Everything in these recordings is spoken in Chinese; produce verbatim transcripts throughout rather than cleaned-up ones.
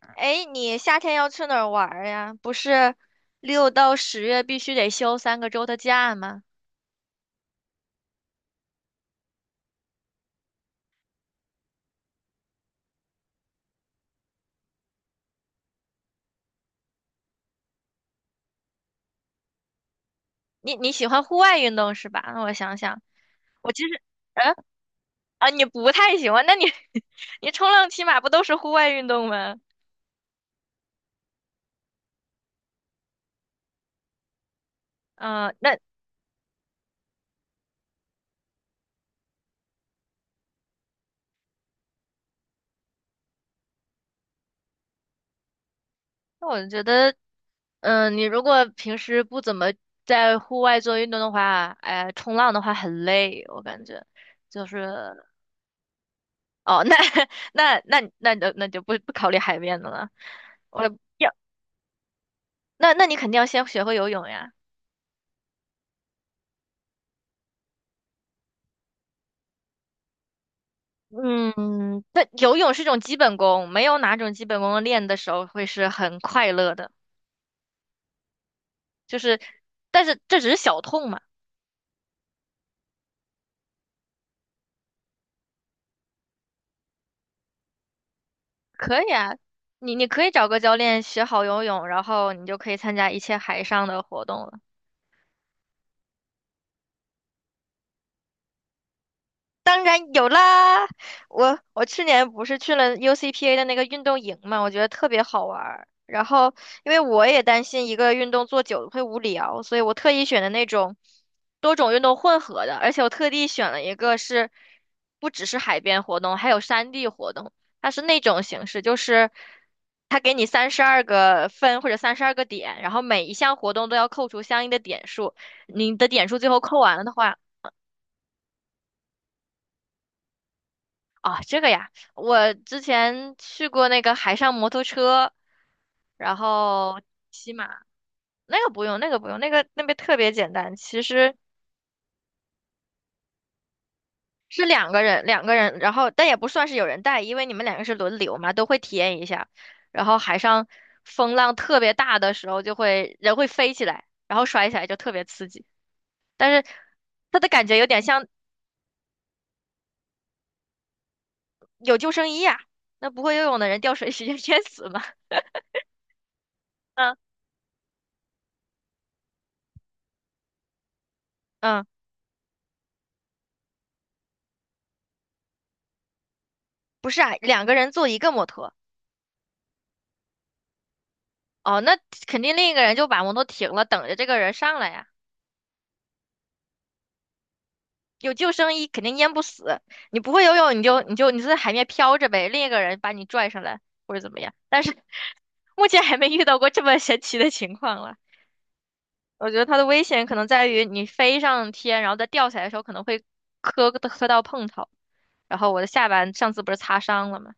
哎，你夏天要去哪儿玩儿呀？不是六到十月必须得休三个周的假吗？你你喜欢户外运动是吧？那我想想，我其实，嗯啊，你不太喜欢，那你 你冲浪、骑马不都是户外运动吗？嗯、那那我觉得，嗯、你如果平时不怎么在户外做运动的话，哎，冲浪的话很累，我感觉就是，哦，那 那那那那那就不不考虑海边的了。我那那你肯定要先学会游泳呀。嗯，那游泳是一种基本功，没有哪种基本功练的时候会是很快乐的。就是，但是这只是小痛嘛，可以啊。你你可以找个教练学好游泳，然后你就可以参加一切海上的活动了。当然有啦，我我去年不是去了 U C P A 的那个运动营嘛，我觉得特别好玩儿。然后，因为我也担心一个运动做久了会无聊，所以我特意选的那种多种运动混合的，而且我特地选了一个是不只是海边活动，还有山地活动。它是那种形式，就是它给你三十二个分或者三十二个点，然后每一项活动都要扣除相应的点数，你的点数最后扣完了的话。啊，这个呀，我之前去过那个海上摩托车，然后骑马，那个不用，那个不用，那个那边特别简单，其实是两个人，两个人，然后但也不算是有人带，因为你们两个是轮流嘛，都会体验一下。然后海上风浪特别大的时候，就会人会飞起来，然后摔起来就特别刺激，但是它的感觉有点像有救生衣呀、那不会游泳的人掉水直接淹死嘛。嗯嗯，不是啊，两个人坐一个摩托。哦，那肯定另一个人就把摩托停了，等着这个人上来呀。有救生衣肯定淹不死，你不会游泳你就你就你就在海面漂着呗，另一个人把你拽上来或者怎么样。但是 目前还没遇到过这么神奇的情况了。我觉得它的危险可能在于你飞上天，然后再掉下来的时候可能会磕磕到碰头。然后我的下巴上次不是擦伤了吗？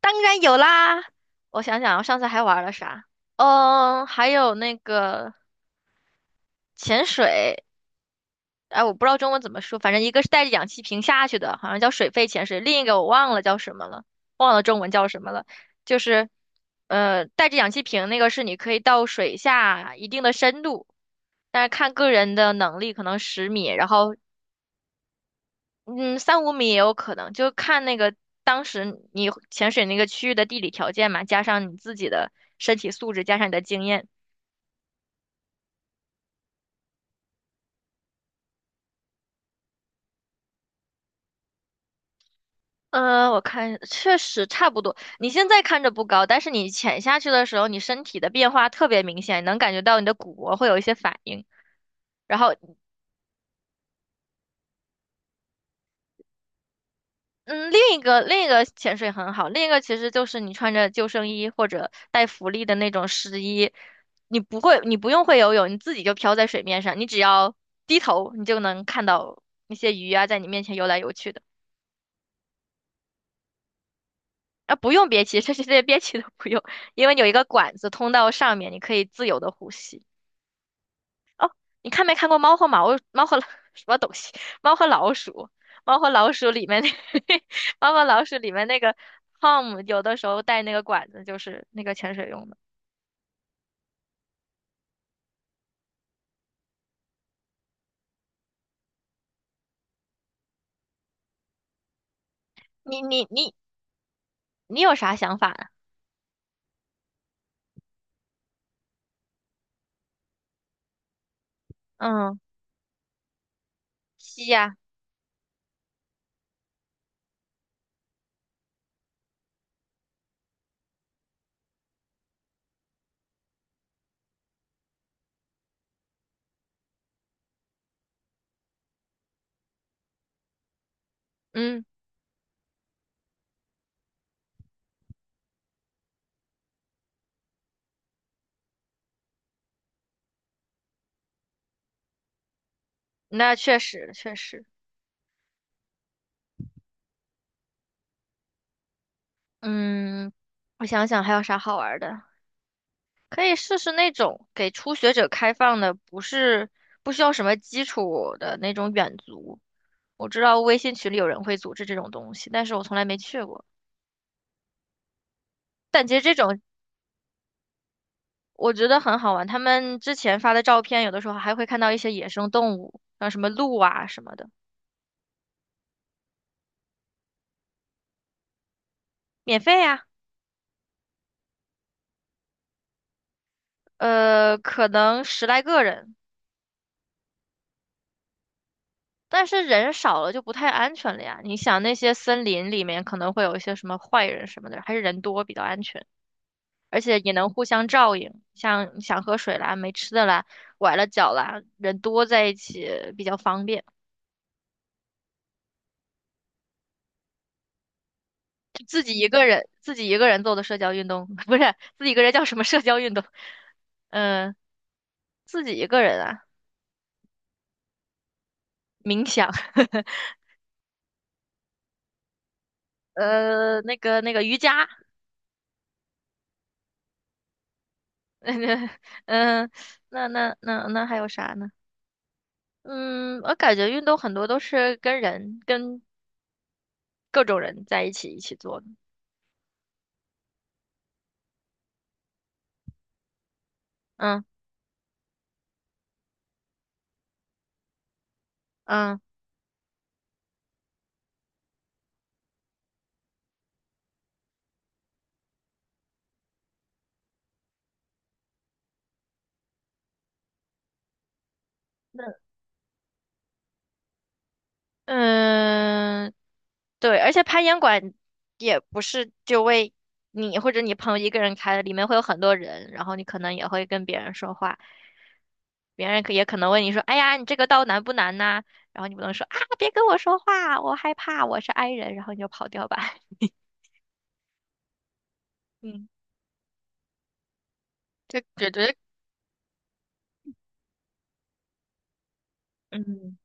当然有啦，我想想啊，我上次还玩了啥？嗯，还有那个潜水。哎，我不知道中文怎么说，反正一个是带着氧气瓶下去的，好像叫水肺潜水，另一个我忘了叫什么了，忘了中文叫什么了。就是，呃，带着氧气瓶那个是你可以到水下一定的深度，但是看个人的能力，可能十米，然后嗯三五米也有可能，就看那个当时你潜水那个区域的地理条件嘛，加上你自己的身体素质，加上你的经验。呃，我看确实差不多。你现在看着不高，但是你潜下去的时候，你身体的变化特别明显，能感觉到你的骨骼会有一些反应。然后，嗯，另一个另一个潜水很好，另一个其实就是你穿着救生衣或者带浮力的那种湿衣，你不会，你不用会游泳，你自己就飘在水面上，你只要低头，你就能看到那些鱼啊在你面前游来游去的。啊，不用憋气，这这些憋气都不用，因为有一个管子通到上面，你可以自由的呼吸。你看没看过《猫和毛猫和什么东西？猫和老鼠，猫和老鼠里面那 猫和老鼠里面那个 Tom 有的时候带那个管子，就是那个潜水用的。你你你你有啥想法呢？嗯，吸呀，嗯，那确实确实，嗯，我想想还有啥好玩儿的，可以试试那种给初学者开放的，不是不需要什么基础的那种远足。我知道微信群里有人会组织这种东西，但是我从来没去过。但其实这种我觉得很好玩，他们之前发的照片，有的时候还会看到一些野生动物，像什么鹿啊什么的，免费呀、呃，可能十来个人，但是人少了就不太安全了呀。你想那些森林里面可能会有一些什么坏人什么的，还是人多比较安全，而且也能互相照应。像想喝水啦、没吃的啦、崴了脚啦，人多在一起比较方便。自己一个人自己一个人做的社交运动，不是自己一个人叫什么社交运动？嗯、自己一个人啊，冥想，呃，那个那个瑜伽，嗯、那那那那还有啥呢？嗯，我感觉运动很多都是跟人跟各种人在一起一起做的，嗯嗯。那嗯，对，而且攀岩馆也不是就为你或者你朋友一个人开的，里面会有很多人，然后你可能也会跟别人说话，别人可也可能问你说：“哎呀，你这个道难不难呐？”然后你不能说啊，别跟我说话，我害怕，我是 i 人，然后你就跑掉吧。嗯，这觉得嗯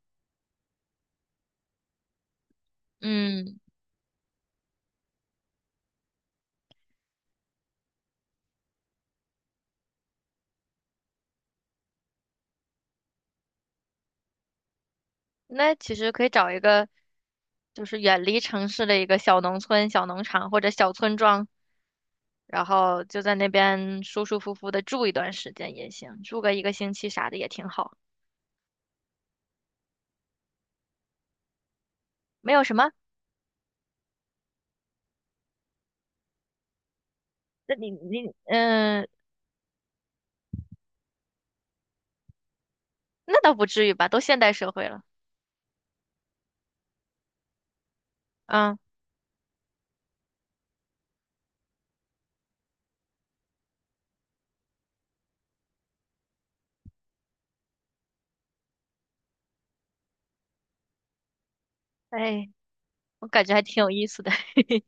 嗯。那其实可以找一个，就是远离城市的一个小农村、小农场或者小村庄，然后就在那边舒舒服服的住一段时间也行，住个一个星期啥的也挺好，没有什么。那你你嗯，那倒不至于吧，都现代社会了。嗯，哎，我感觉还挺有意思的。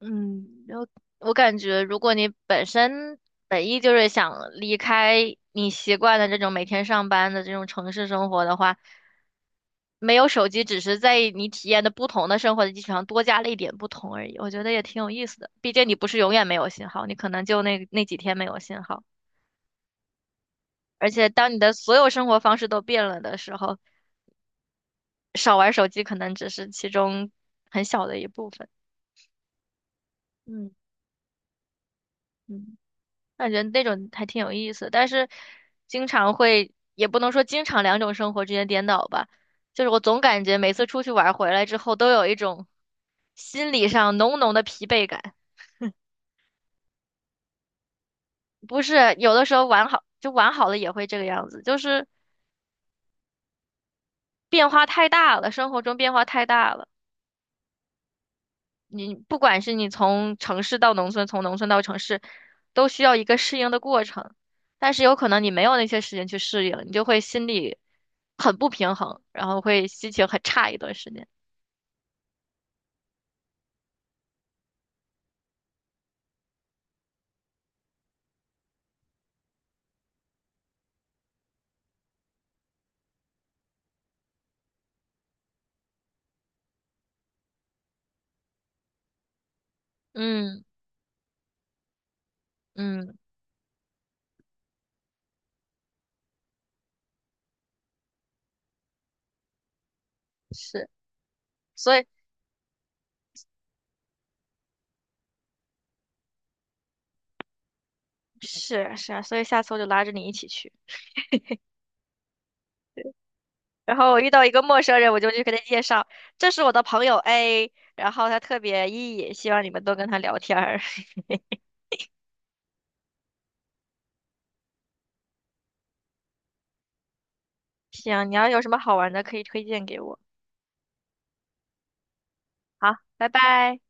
嗯，然后我感觉，如果你本身本意就是想离开你习惯的这种每天上班的这种城市生活的话，没有手机，只是在你体验的不同的生活的基础上多加了一点不同而已。我觉得也挺有意思的，毕竟你不是永远没有信号，你可能就那那几天没有信号。而且当你的所有生活方式都变了的时候，少玩手机可能只是其中很小的一部分。嗯嗯。感觉那种还挺有意思，但是经常会，也不能说经常两种生活之间颠倒吧，就是我总感觉每次出去玩儿回来之后，都有一种心理上浓浓的疲惫感。不是，有的时候玩好，就玩好了也会这个样子，就是变化太大了，生活中变化太大了。你不管是你从城市到农村，从农村到城市，都需要一个适应的过程。但是有可能你没有那些时间去适应，你就会心里很不平衡，然后会心情很差一段时间。嗯嗯，是，所以是啊是啊，所以下次我就拉着你一起去。然后我遇到一个陌生人，我就去给他介绍，这是我的朋友 A，然后他特别 E，希望你们多跟他聊天儿。行，你要有什么好玩的可以推荐给我。好，拜拜。